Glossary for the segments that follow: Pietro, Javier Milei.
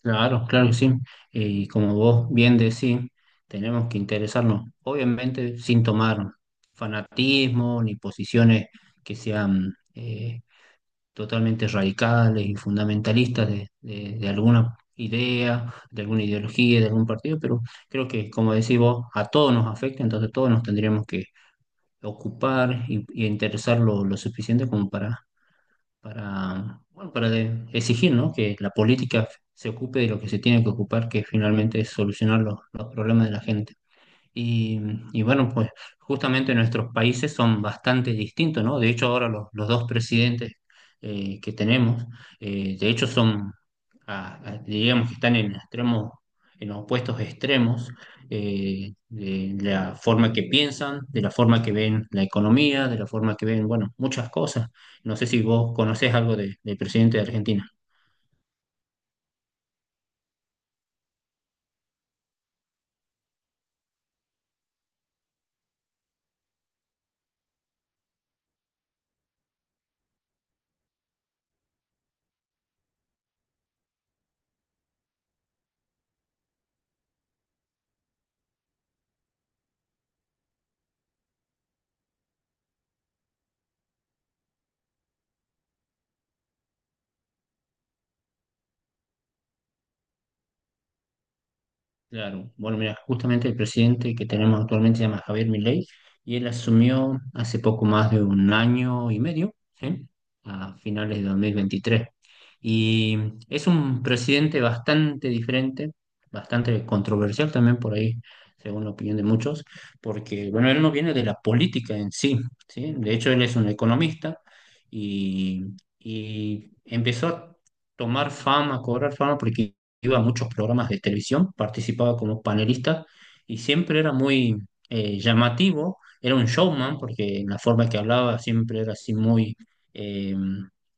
Claro, claro que sí. Y como vos bien decís, tenemos que interesarnos, obviamente sin tomar fanatismo ni posiciones que sean totalmente radicales y fundamentalistas de alguna idea, de alguna ideología, de algún partido. Pero creo que, como decís vos, a todos nos afecta, entonces todos nos tendríamos que ocupar y interesar lo suficiente como para bueno, para exigir, ¿no?, que la política se ocupe de lo que se tiene que ocupar, que finalmente es solucionar los problemas de la gente. Y, y bueno, pues justamente nuestros países son bastante distintos, ¿no? De hecho, ahora los dos presidentes que tenemos, de hecho, digamos que están en extremos, en opuestos extremos, de la forma que piensan, de la forma que ven la economía, de la forma que ven, bueno, muchas cosas. No sé si vos conocés algo del presidente de Argentina. Claro, bueno, mira, justamente el presidente que tenemos actualmente se llama Javier Milei y él asumió hace poco más de un año y medio, ¿sí? A finales de 2023. Y es un presidente bastante diferente, bastante controversial también por ahí, según la opinión de muchos, porque, bueno, él no viene de la política en sí, ¿sí? De hecho, él es un economista y, y empezó a tomar fama, a cobrar fama, porque iba a muchos programas de televisión, participaba como panelista y siempre era muy llamativo, era un showman porque en la forma que hablaba siempre era así muy, eh,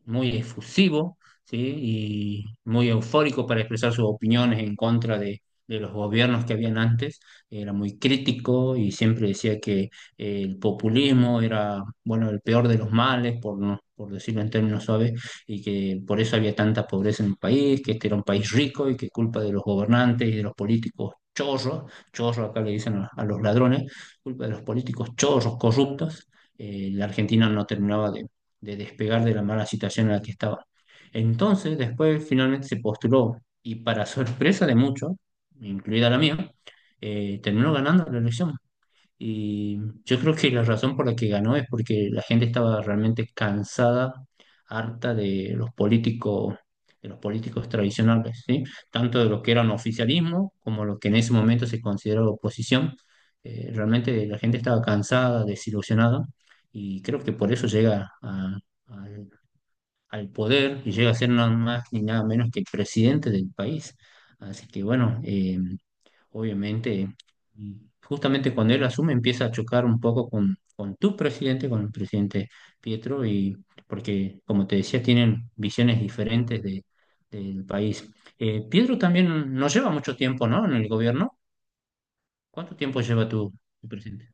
muy efusivo, ¿sí? Y muy eufórico para expresar sus opiniones en contra de los gobiernos que habían antes. Era muy crítico y siempre decía que el populismo era, bueno, el peor de los males, por, no, por decirlo en términos suaves, y que por eso había tanta pobreza en el país, que este era un país rico y que culpa de los gobernantes y de los políticos chorros, chorros acá le dicen a los ladrones, culpa de los políticos chorros corruptos, la Argentina no terminaba de despegar de la mala situación en la que estaba. Entonces, después finalmente se postuló y para sorpresa de muchos, incluida la mía, terminó ganando la elección. Y yo creo que la razón por la que ganó es porque la gente estaba realmente cansada, harta de los políticos tradicionales, ¿sí? Tanto de los que eran oficialismo como los que en ese momento se consideraba oposición. Realmente la gente estaba cansada, desilusionada, y creo que por eso llega al, al poder y llega a ser nada más ni nada menos que el presidente del país. Así que bueno, obviamente, y justamente cuando él asume empieza a chocar un poco con tu presidente, con el presidente Pietro, y porque, como te decía, tienen visiones diferentes del país. Pietro también no lleva mucho tiempo, ¿no?, en el gobierno. ¿Cuánto tiempo lleva tu, tu presidente?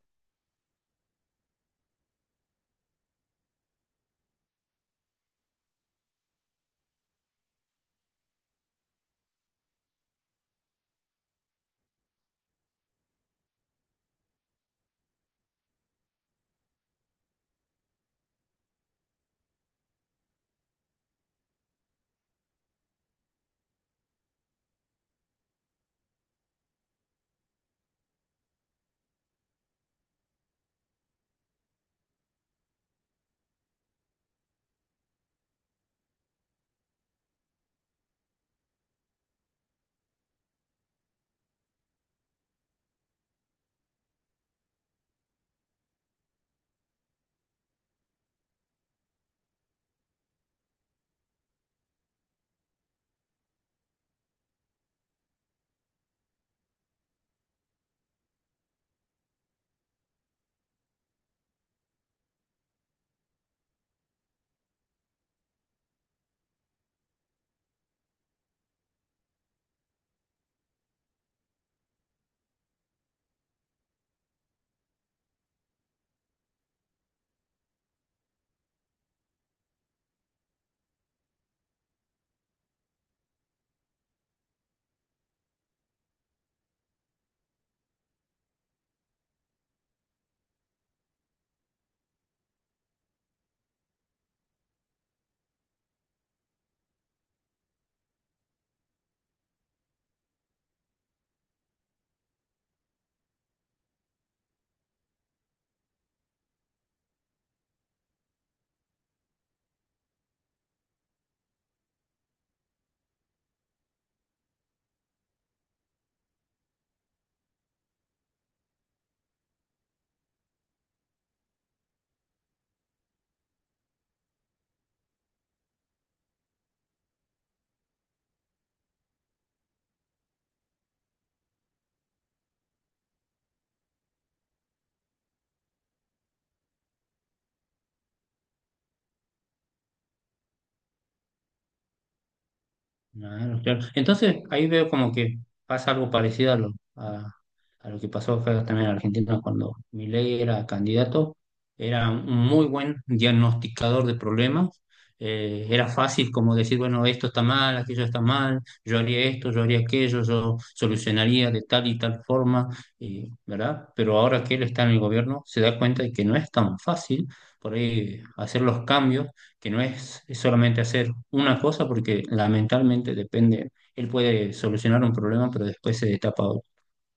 Claro, claro. Entonces ahí veo como que pasa algo parecido a lo que pasó acá también en Argentina cuando Milei era candidato. Era un muy buen diagnosticador de problemas. Era fácil como decir, bueno, esto está mal, aquello está mal, yo haría esto, yo haría aquello, yo solucionaría de tal y tal forma, ¿verdad? Pero ahora que él está en el gobierno, se da cuenta de que no es tan fácil por ahí hacer los cambios, que no es, es solamente hacer una cosa, porque lamentablemente depende, él puede solucionar un problema, pero después se destapa otro.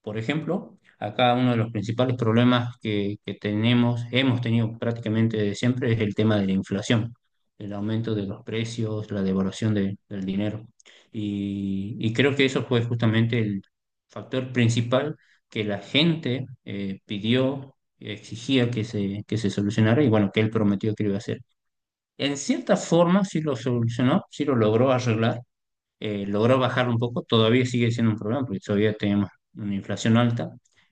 Por ejemplo, acá uno de los principales problemas que tenemos, hemos tenido prácticamente desde siempre, es el tema de la inflación, el aumento de los precios, la devaluación del dinero. Y creo que eso fue justamente el factor principal que la gente pidió, exigía que que se solucionara y bueno, que él prometió que lo iba a hacer. En cierta forma sí lo solucionó, sí lo logró arreglar, logró bajar un poco, todavía sigue siendo un problema porque todavía tenemos una inflación alta,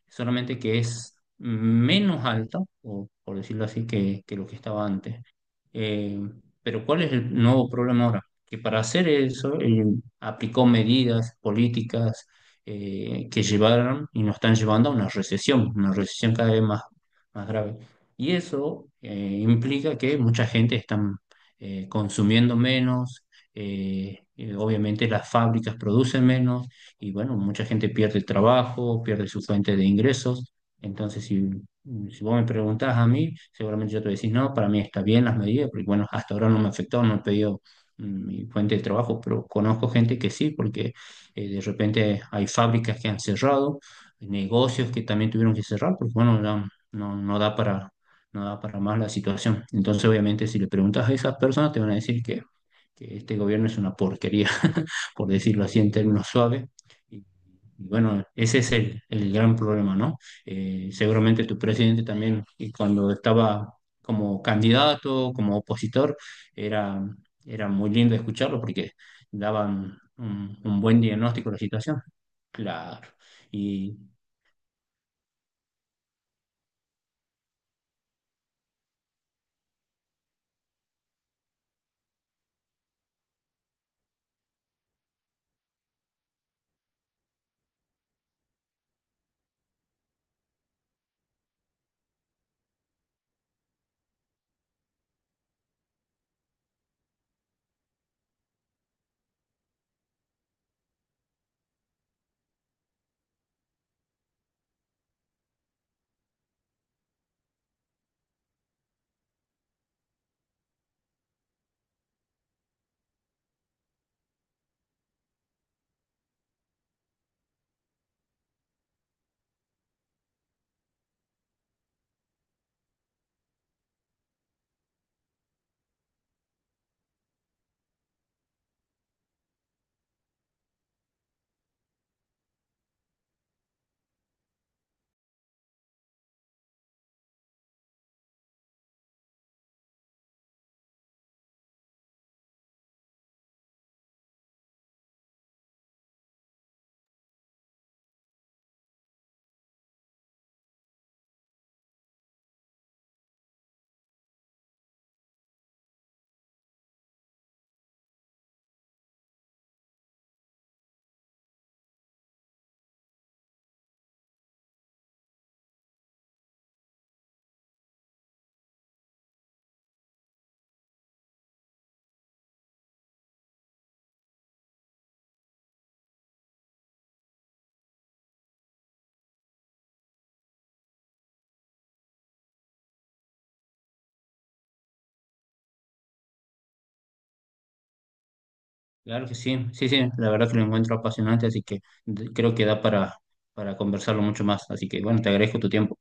solamente que es menos alta, o por decirlo así, que lo que estaba antes. Eh, pero ¿cuál es el nuevo problema ahora? Que para hacer eso, él aplicó medidas políticas que llevaron y nos están llevando a una recesión cada vez más, más grave. Y eso implica que mucha gente está consumiendo menos, obviamente las fábricas producen menos y bueno, mucha gente pierde el trabajo, pierde su fuente de ingresos. Entonces, si vos me preguntás a mí, seguramente yo te voy a decir, no, para mí está bien las medidas, porque bueno, hasta ahora no me afectó, no he pedido mi fuente de trabajo, pero conozco gente que sí, porque de repente hay fábricas que han cerrado, negocios que también tuvieron que cerrar, porque bueno, no da para, no da para más la situación. Entonces, obviamente, si le preguntas a esas personas, te van a decir que este gobierno es una porquería, por decirlo así en términos suaves. Y bueno, ese es el gran problema, ¿no? Seguramente tu presidente también, y cuando estaba como candidato, como opositor, era, era muy lindo escucharlo porque daban un buen diagnóstico de la situación. Claro. Y claro que sí, sí, sí, la verdad que lo encuentro apasionante, así que creo que da para conversarlo mucho más. Así que bueno, te agradezco tu tiempo.